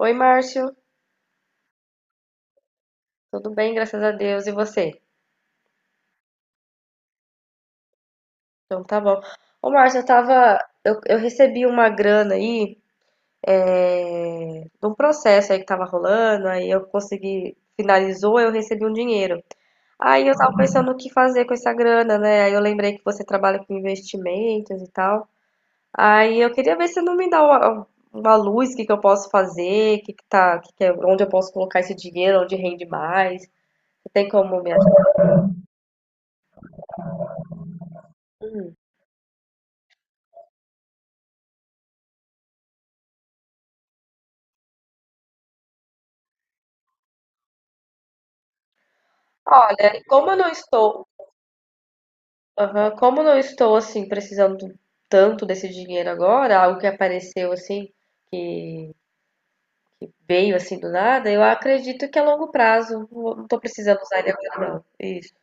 Oi, Márcio. Tudo bem, graças a Deus. E você? Então tá bom. Ô, Márcio, eu tava. Eu recebi uma grana aí, de um processo aí que tava rolando, aí eu consegui. Finalizou, eu recebi um dinheiro. Aí eu tava pensando o que fazer com essa grana, né? Aí eu lembrei que você trabalha com investimentos e tal. Aí eu queria ver se não me dá uma luz, o que que eu posso fazer, que tá, onde eu posso colocar esse dinheiro, onde rende mais. Você tem como me ajudar? Olha, como eu não estou assim precisando tanto desse dinheiro agora, algo que apareceu assim, veio assim do nada, eu acredito que a longo prazo não estou precisando usar ele agora não. Isso.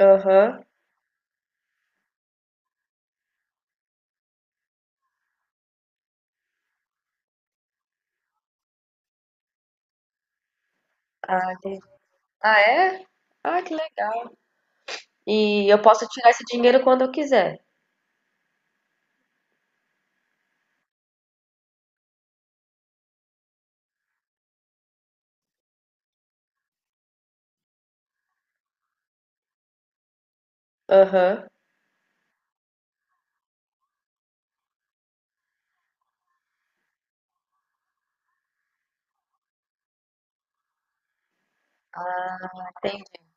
Aham. Ah, entendi. Ah, é? Ah, que legal. E eu posso tirar esse dinheiro quando eu quiser. Aham. Entendi.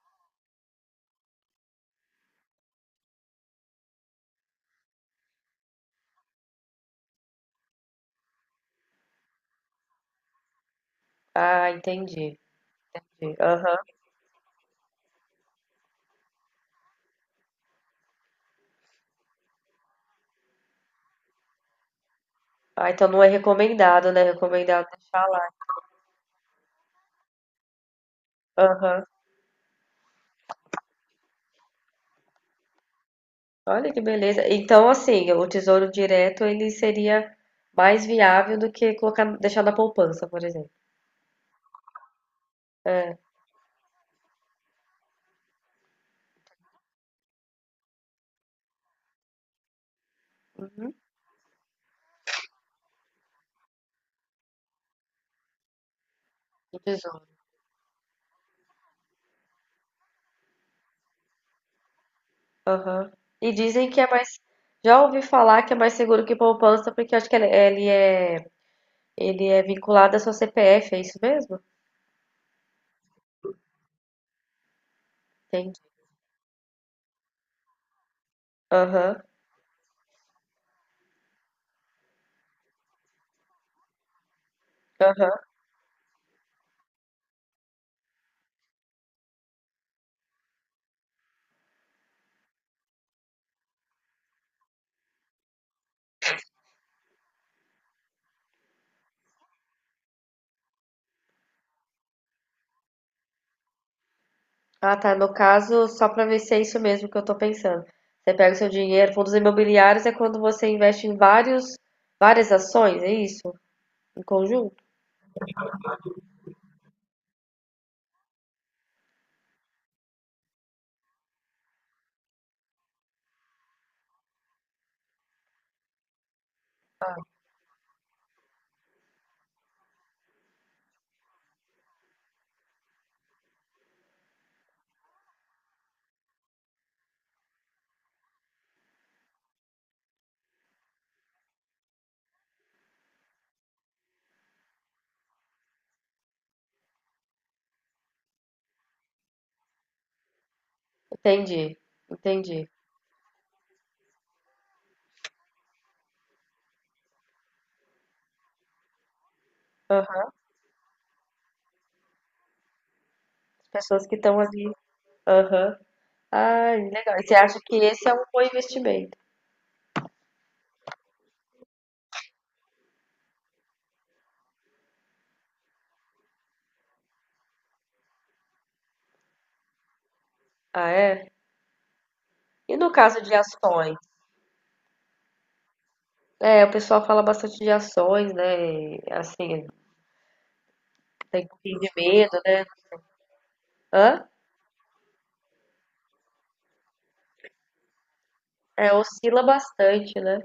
Ah, entendi. Aham. Ah, então não é recomendado, né? Recomendado. Aham. Olha que beleza. Então, assim, o tesouro direto ele seria mais viável do que colocar, deixar na poupança, por exemplo. É, uhum, o tesouro. Aham. E dizem que é mais. Já ouvi falar que é mais seguro que poupança, porque eu acho que ele é, ele é vinculado à sua CPF, é isso mesmo? Entendi. Aham, aham. Ah, tá. No caso, só para ver se é isso mesmo que eu tô pensando. Você pega o seu dinheiro, fundos imobiliários é quando você investe em várias ações, é isso? Em conjunto? Entendi, entendi. Aham. As pessoas que estão ali. Aham. Ah, legal. E você acha que esse é um bom investimento? Ah, é? E no caso de ações? É, o pessoal fala bastante de ações, né? Assim, tem um pouquinho de medo, né? Hã? É, oscila bastante, né?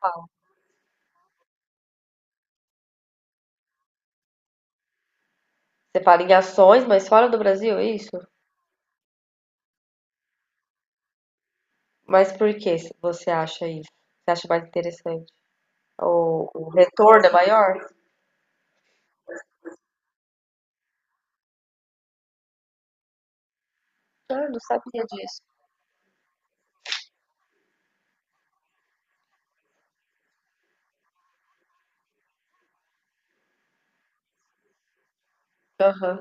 Qual? Você fala em ações, mas fora do Brasil, é isso? Mas por que você acha isso? Você acha mais interessante? O retorno é maior? Ah, não sabia disso. Aham,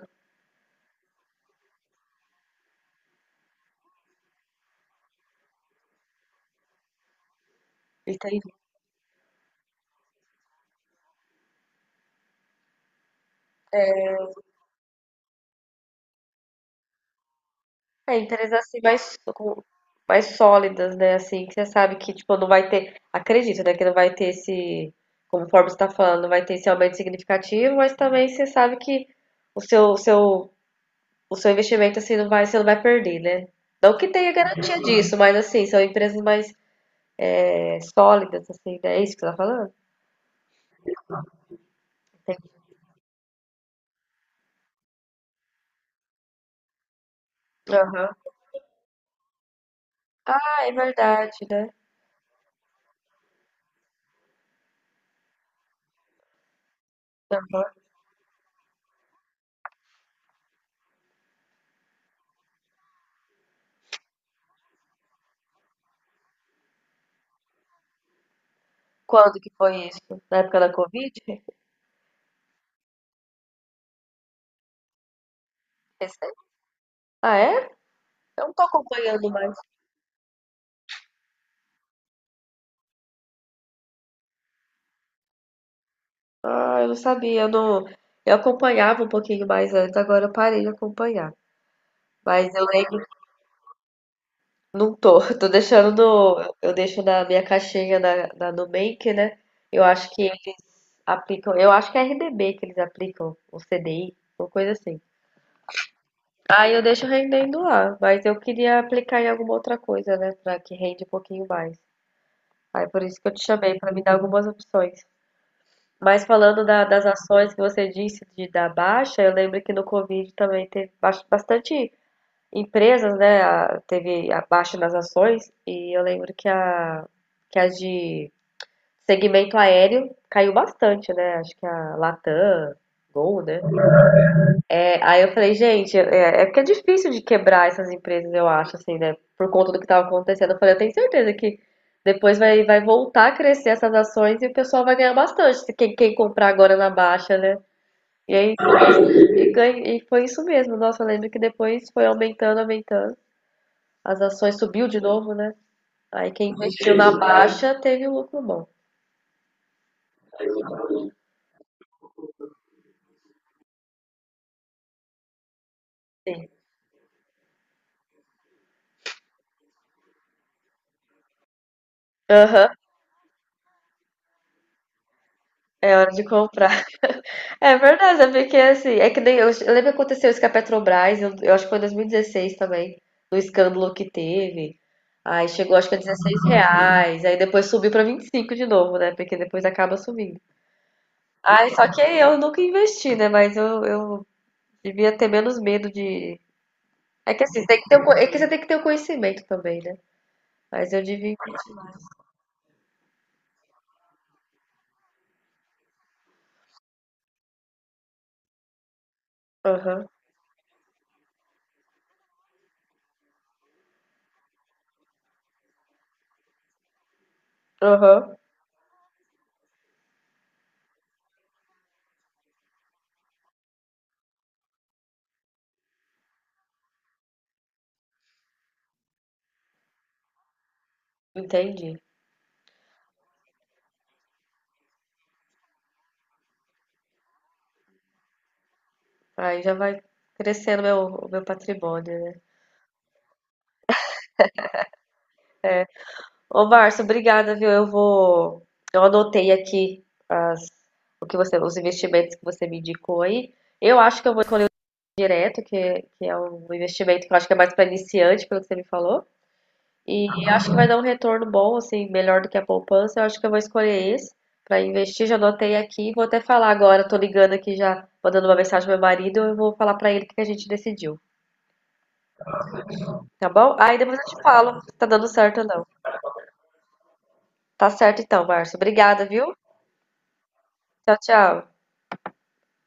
entendi. É, empresas assim mais, mais sólidas, né? Assim, que você sabe que, tipo, não vai ter. Acredito, né? Que não vai ter esse. Como o você está falando, não vai ter esse aumento significativo, mas também você sabe que o seu, o seu, o seu investimento assim não vai, você não vai perder, né? Não que tenha garantia disso, mas assim, são empresas mais sólidas, assim, né? É isso que você tá falando? Entendi. Aham. Ah, é verdade, né? Aham. Quando que foi isso? Na época da Covid? Recente? Ah, é? Eu não tô acompanhando mais. Ah, eu não sabia, eu não. Eu acompanhava um pouquinho mais antes, agora eu parei de acompanhar. Mas eu lembro, não tô, tô deixando no, eu deixo na minha caixinha na, na Nubank, né? Eu acho que eles aplicam, eu acho que é RDB que eles aplicam, o CDI, uma coisa assim. Aí eu deixo rendendo lá, mas eu queria aplicar em alguma outra coisa, né? Pra que rende um pouquinho mais. Aí por isso que eu te chamei, pra me dar algumas opções. Mas falando da das ações que você disse de da baixa, eu lembro que no Covid também teve bastante empresas, né? Teve a baixa nas ações, e eu lembro que a de segmento aéreo caiu bastante, né? Acho que a Latam, Gol, né? É, aí eu falei, gente, porque é difícil de quebrar essas empresas, eu acho, assim, né? Por conta do que estava acontecendo. Eu falei, eu tenho certeza que depois vai, vai voltar a crescer essas ações e o pessoal vai ganhar bastante, se quem comprar agora na baixa, né? E aí, e ganhei, e foi isso mesmo. Nossa, eu lembro que depois foi aumentando, aumentando. As ações subiu de novo, né? Aí quem investiu na baixa teve um lucro bom. Sim. Aham. É hora de comprar. É verdade, é porque assim, é que nem eu, eu lembro que aconteceu isso com a Petrobras, eu acho que foi em 2016 também, do escândalo que teve. Aí chegou acho que a R$ 16, aí depois subiu para 25 de novo, né? Porque depois acaba subindo. Ai, só que eu nunca investi, né? Mas eu devia ter menos medo de. É que assim, tem que ter é que você tem que ter o conhecimento também, né? Mas eu devia. Aham, aham, entendi. Aí já vai crescendo meu, o meu patrimônio, né? Ô, Márcio, obrigada, viu? Eu vou. Eu anotei aqui as, os investimentos que você me indicou aí. Eu acho que eu vou direto, que é um investimento que eu acho que é mais para iniciante, pelo que você me falou. E acho que vai dar um retorno bom, assim, melhor do que a poupança. Eu acho que eu vou escolher esse para investir. Já anotei aqui, vou até falar agora. Tô ligando aqui já, mandando uma mensagem pro meu marido. Eu vou falar para ele o que a gente decidiu, tá bom? Aí depois eu te falo se tá dando certo ou não. Tá certo então, Márcio. Obrigada, viu? Tchau, tchau.